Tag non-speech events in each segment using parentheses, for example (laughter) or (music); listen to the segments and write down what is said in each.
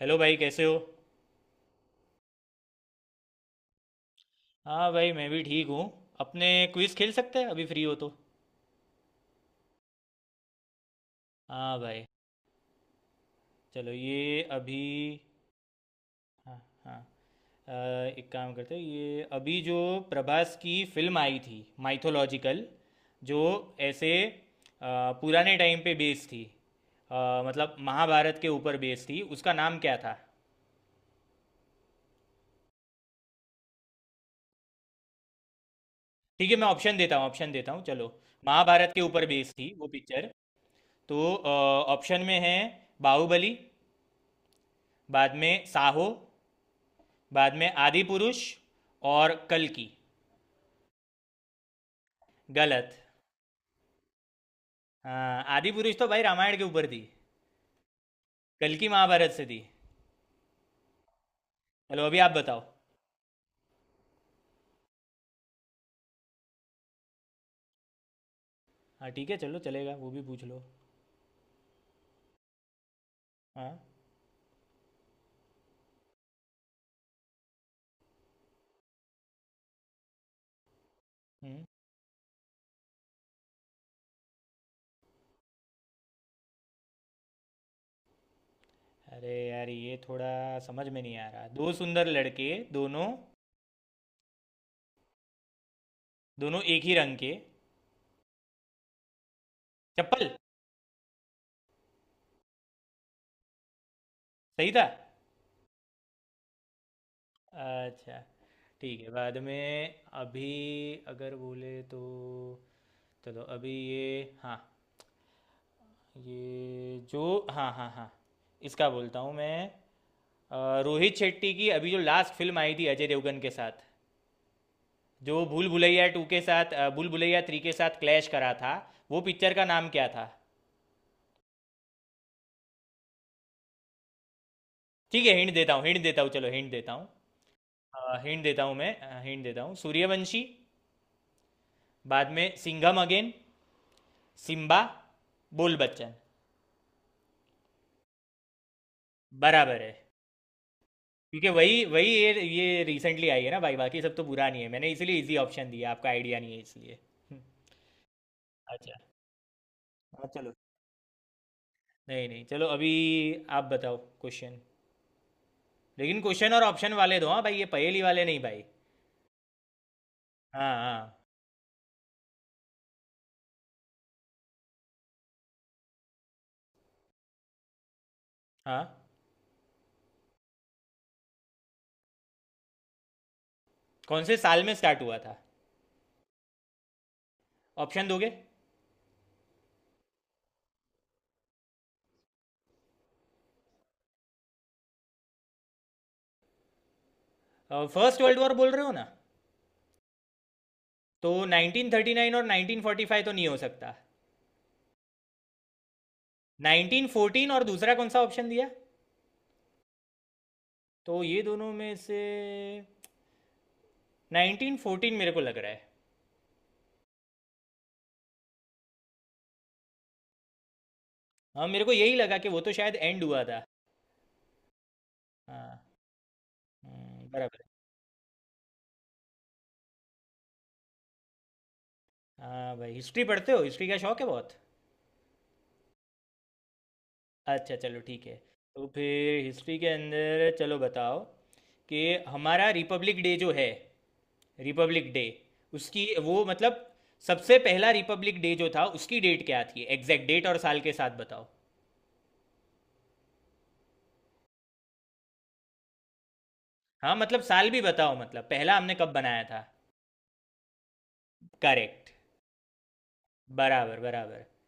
Hello भाई, कैसे हो। हाँ भाई, मैं भी ठीक हूँ। अपने क्विज खेल सकते हैं अभी फ्री हो तो। हाँ भाई, चलो ये अभी। हाँ, हाँ। अ, एक काम करते हैं, ये अभी जो प्रभास की फिल्म आई थी माइथोलॉजिकल, जो ऐसे पुराने टाइम पे बेस्ड थी। मतलब महाभारत के ऊपर बेस्ड थी, उसका नाम क्या था। ठीक है, मैं ऑप्शन देता हूँ, ऑप्शन देता हूँ, चलो। महाभारत के ऊपर बेस्ड थी वो पिक्चर। तो ऑप्शन में है बाहुबली, बाद में साहो, बाद में आदि पुरुष, और कल की। गलत। हाँ, आदि पुरुष तो भाई रामायण के ऊपर थी। कल की महाभारत से थी। चलो अभी आप बताओ। हाँ, ठीक है, चलो, चलेगा, वो भी पूछ लो। हाँ। हम्म। अरे यार, ये थोड़ा समझ में नहीं आ रहा, दो सुंदर लड़के दोनों, दोनों एक ही रंग के। चप्पल। सही था। अच्छा, ठीक है, बाद में। अभी अगर बोले तो चलो अभी ये हाँ, ये जो, हाँ हाँ हाँ, इसका बोलता हूँ मैं। रोहित शेट्टी की अभी जो लास्ट फिल्म आई थी अजय देवगन के साथ, जो भूल भुलैया टू के साथ भूल भुलैया थ्री के साथ क्लैश करा था, वो पिक्चर का नाम क्या था। ठीक है, हिंट देता हूँ, हिंट देता हूँ, चलो हिंट देता हूँ। हिंट देता हूँ मैं। हिंट देता हूँ, सूर्यवंशी, बाद में सिंघम अगेन, सिम्बा, बोल बच्चन। बराबर है। क्योंकि वही वही ये रिसेंटली आई है ना भाई, बाकी सब तो पुरानी है, मैंने इसलिए इजी ऑप्शन दिया, आपका आइडिया नहीं है इसलिए। हम्म। अच्छा। हाँ, चलो। नहीं नहीं, चलो अभी आप बताओ क्वेश्चन। लेकिन क्वेश्चन और ऑप्शन वाले दो, हाँ भाई, ये पहेली वाले नहीं भाई। हाँ, हाँ, हाँ। कौन से साल में स्टार्ट हुआ था। ऑप्शन दोगे। फर्स्ट वर्ल्ड वॉर बोल रहे हो ना। तो 1939 और 1945 तो नहीं हो सकता। 1914 और दूसरा कौन सा ऑप्शन दिया। तो ये दोनों में से 1914 मेरे को लग रहा है। हाँ, मेरे को यही लगा कि वो तो शायद एंड हुआ था। हाँ। बराबर है। हाँ भाई, हिस्ट्री पढ़ते हो, हिस्ट्री का शौक है बहुत। अच्छा चलो ठीक है। तो फिर हिस्ट्री के अंदर चलो बताओ कि हमारा रिपब्लिक डे जो है, रिपब्लिक डे, उसकी वो मतलब सबसे पहला रिपब्लिक डे जो था, उसकी डेट क्या थी, एग्जैक्ट डेट और साल के साथ बताओ। हाँ, मतलब साल भी बताओ, मतलब पहला हमने कब बनाया था। करेक्ट। बराबर, बराबर।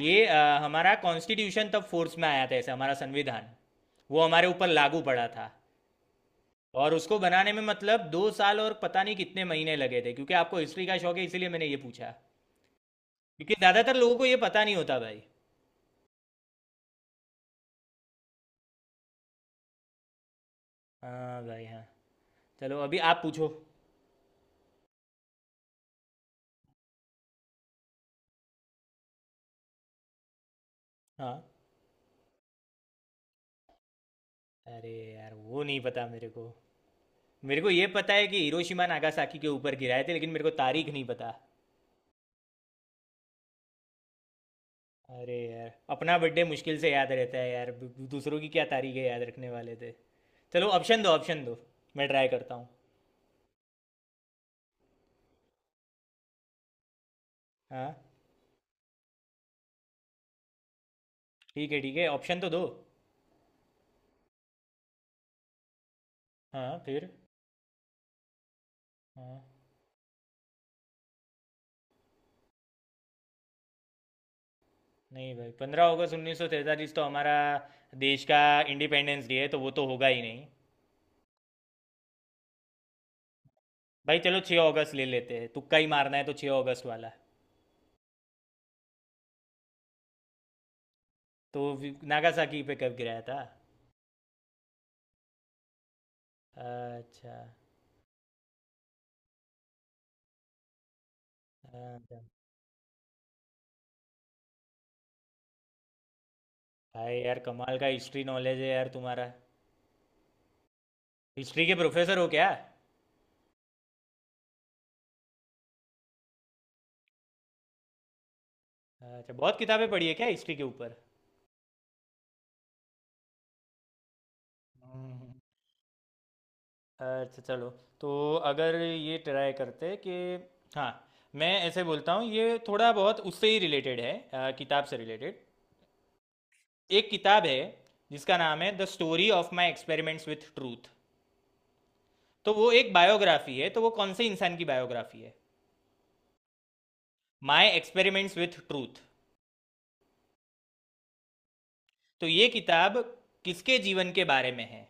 ये हमारा कॉन्स्टिट्यूशन तब फोर्स में आया था, ऐसे हमारा संविधान वो हमारे ऊपर लागू पड़ा था। और उसको बनाने में मतलब दो साल और पता नहीं कितने महीने लगे थे, क्योंकि आपको हिस्ट्री का शौक है इसीलिए मैंने ये पूछा। क्योंकि ज़्यादातर लोगों को ये पता नहीं होता भाई। हाँ भाई, हाँ। चलो अभी आप पूछो। हाँ। अरे यार, वो नहीं पता मेरे को। मेरे को ये पता है कि हिरोशिमा नागासाकी के ऊपर गिराए थे, लेकिन मेरे को तारीख नहीं पता। अरे यार, अपना बर्थडे मुश्किल से याद रहता है यार, दूसरों की क्या तारीखें याद रखने वाले थे। चलो ऑप्शन दो, ऑप्शन दो, मैं ट्राई करता हूँ। हाँ, ठीक है, ठीक है, ऑप्शन तो दो। हाँ, फिर। हाँ। नहीं भाई, पंद्रह अगस्त उन्नीस सौ तैंतालीस तो हमारा देश का इंडिपेंडेंस डे है, तो वो तो होगा ही नहीं। भाई चलो छः अगस्त ले लेते हैं, तुक्का ही मारना है तो छः अगस्त वाला। तो नागासाकी पे कब गिराया था। अच्छा। अच्छा। भाई यार कमाल का हिस्ट्री नॉलेज है यार तुम्हारा। हिस्ट्री के प्रोफेसर हो क्या। अच्छा, बहुत किताबें पढ़ी है क्या हिस्ट्री के ऊपर। अच्छा चलो। तो अगर ये ट्राई करते कि, हाँ मैं ऐसे बोलता हूँ, ये थोड़ा बहुत उससे ही रिलेटेड है, किताब से रिलेटेड। एक किताब है जिसका नाम है the story of my experiments with truth. तो वो एक बायोग्राफी है, तो वो कौन से इंसान की बायोग्राफी है। My experiments with truth. तो ये किताब किसके जीवन के बारे में है।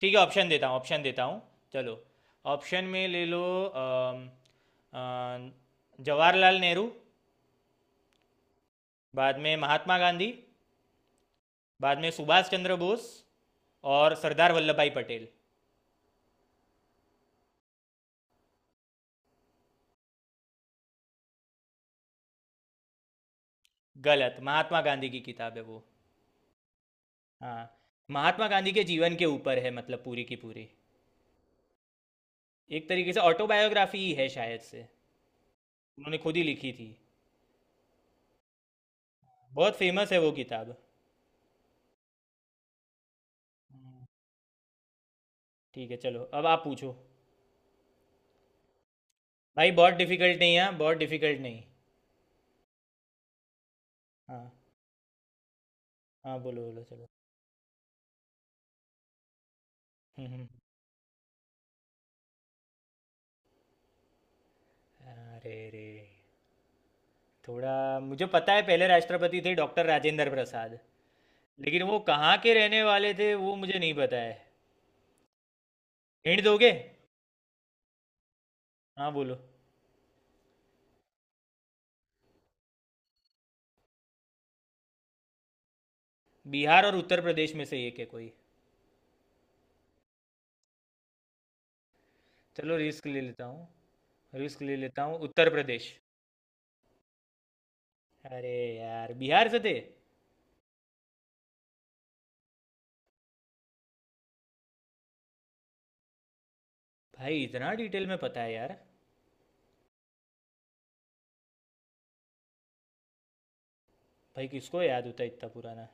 ठीक है, ऑप्शन देता हूँ, ऑप्शन देता हूँ। चलो, ऑप्शन में ले लो। अम, अ, जवाहरलाल नेहरू, बाद में महात्मा गांधी, बाद में सुभाष चंद्र बोस, और सरदार वल्लभ भाई पटेल। गलत, महात्मा गांधी की किताब है वो। हाँ, महात्मा गांधी के जीवन के ऊपर है, मतलब पूरी की पूरी। एक तरीके से ऑटोबायोग्राफी ही है शायद से। उन्होंने खुद ही लिखी थी। बहुत फेमस है वो किताब। ठीक है, चलो, अब आप पूछो। भाई बहुत डिफिकल्ट नहीं है, बहुत डिफिकल्ट नहीं। हाँ, हाँ, बोलो बोलो, चलो। हम्म, हम्म। अरे रे, थोड़ा, मुझे पता है पहले राष्ट्रपति थे डॉक्टर राजेंद्र प्रसाद, लेकिन वो कहाँ के रहने वाले थे वो मुझे नहीं पता है। हिंट दोगे। हाँ बोलो। बिहार और उत्तर प्रदेश में से एक है कोई। चलो रिस्क ले लेता हूँ, रिस्क ले लेता हूँ उत्तर प्रदेश। अरे यार, बिहार से थे। भाई इतना डिटेल में पता है यार। भाई किसको याद होता है इतना पुराना।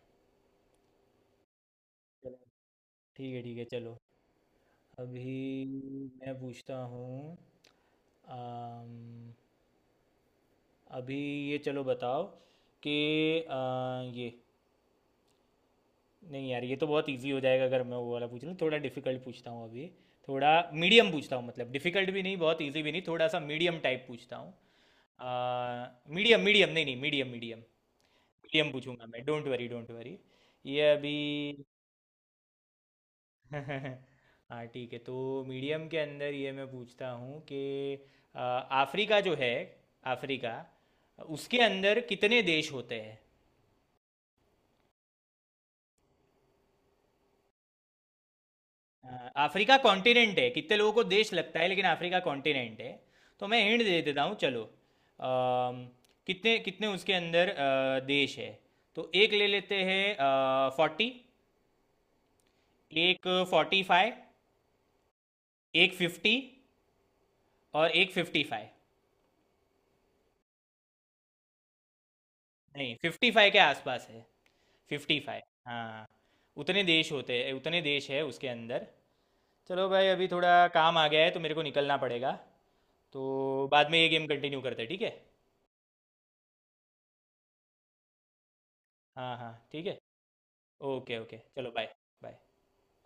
चलो ठीक है, ठीक है, चलो। अभी मैं पूछता हूँ। अम, अभी ये, चलो बताओ कि ये, नहीं यार, ये तो बहुत इजी हो जाएगा, अगर मैं वो वाला पूछ लूँ, थोड़ा डिफिकल्ट पूछता हूँ अभी। थोड़ा मीडियम पूछता हूँ, मतलब डिफिकल्ट भी नहीं, बहुत इजी भी नहीं, थोड़ा सा मीडियम टाइप पूछता हूँ। मीडियम मीडियम, नहीं नहीं, मीडियम मीडियम। मीडियम पूछूंगा मैं, डोंट वरी, डोंट वरी। ये अभी (laughs) हाँ ठीक है। तो मीडियम के अंदर ये मैं पूछता हूँ कि अ, अफ्रीका जो है, अफ्रीका, उसके अंदर कितने देश होते हैं। हाँ, अफ्रीका कॉन्टिनेंट है, कितने लोगों को देश लगता है लेकिन अफ्रीका कॉन्टिनेंट है। तो मैं हिंट दे देता हूँ, चलो कितने कितने उसके अंदर देश है। तो एक ले लेते हैं फोर्टी, एक फोर्टी फाइव, एक फिफ्टी, और एक फिफ्टी फाइव। नहीं, फिफ्टी फाइव के आसपास है, फिफ्टी फाइव। हाँ, उतने देश होते हैं, उतने देश है उसके अंदर। चलो भाई, अभी थोड़ा काम आ गया है तो मेरे को निकलना पड़ेगा। तो बाद में ये गेम कंटिन्यू करते हैं, ठीक है। हाँ, हाँ, ठीक है? ओके, ओके, चलो, बाय, बाय।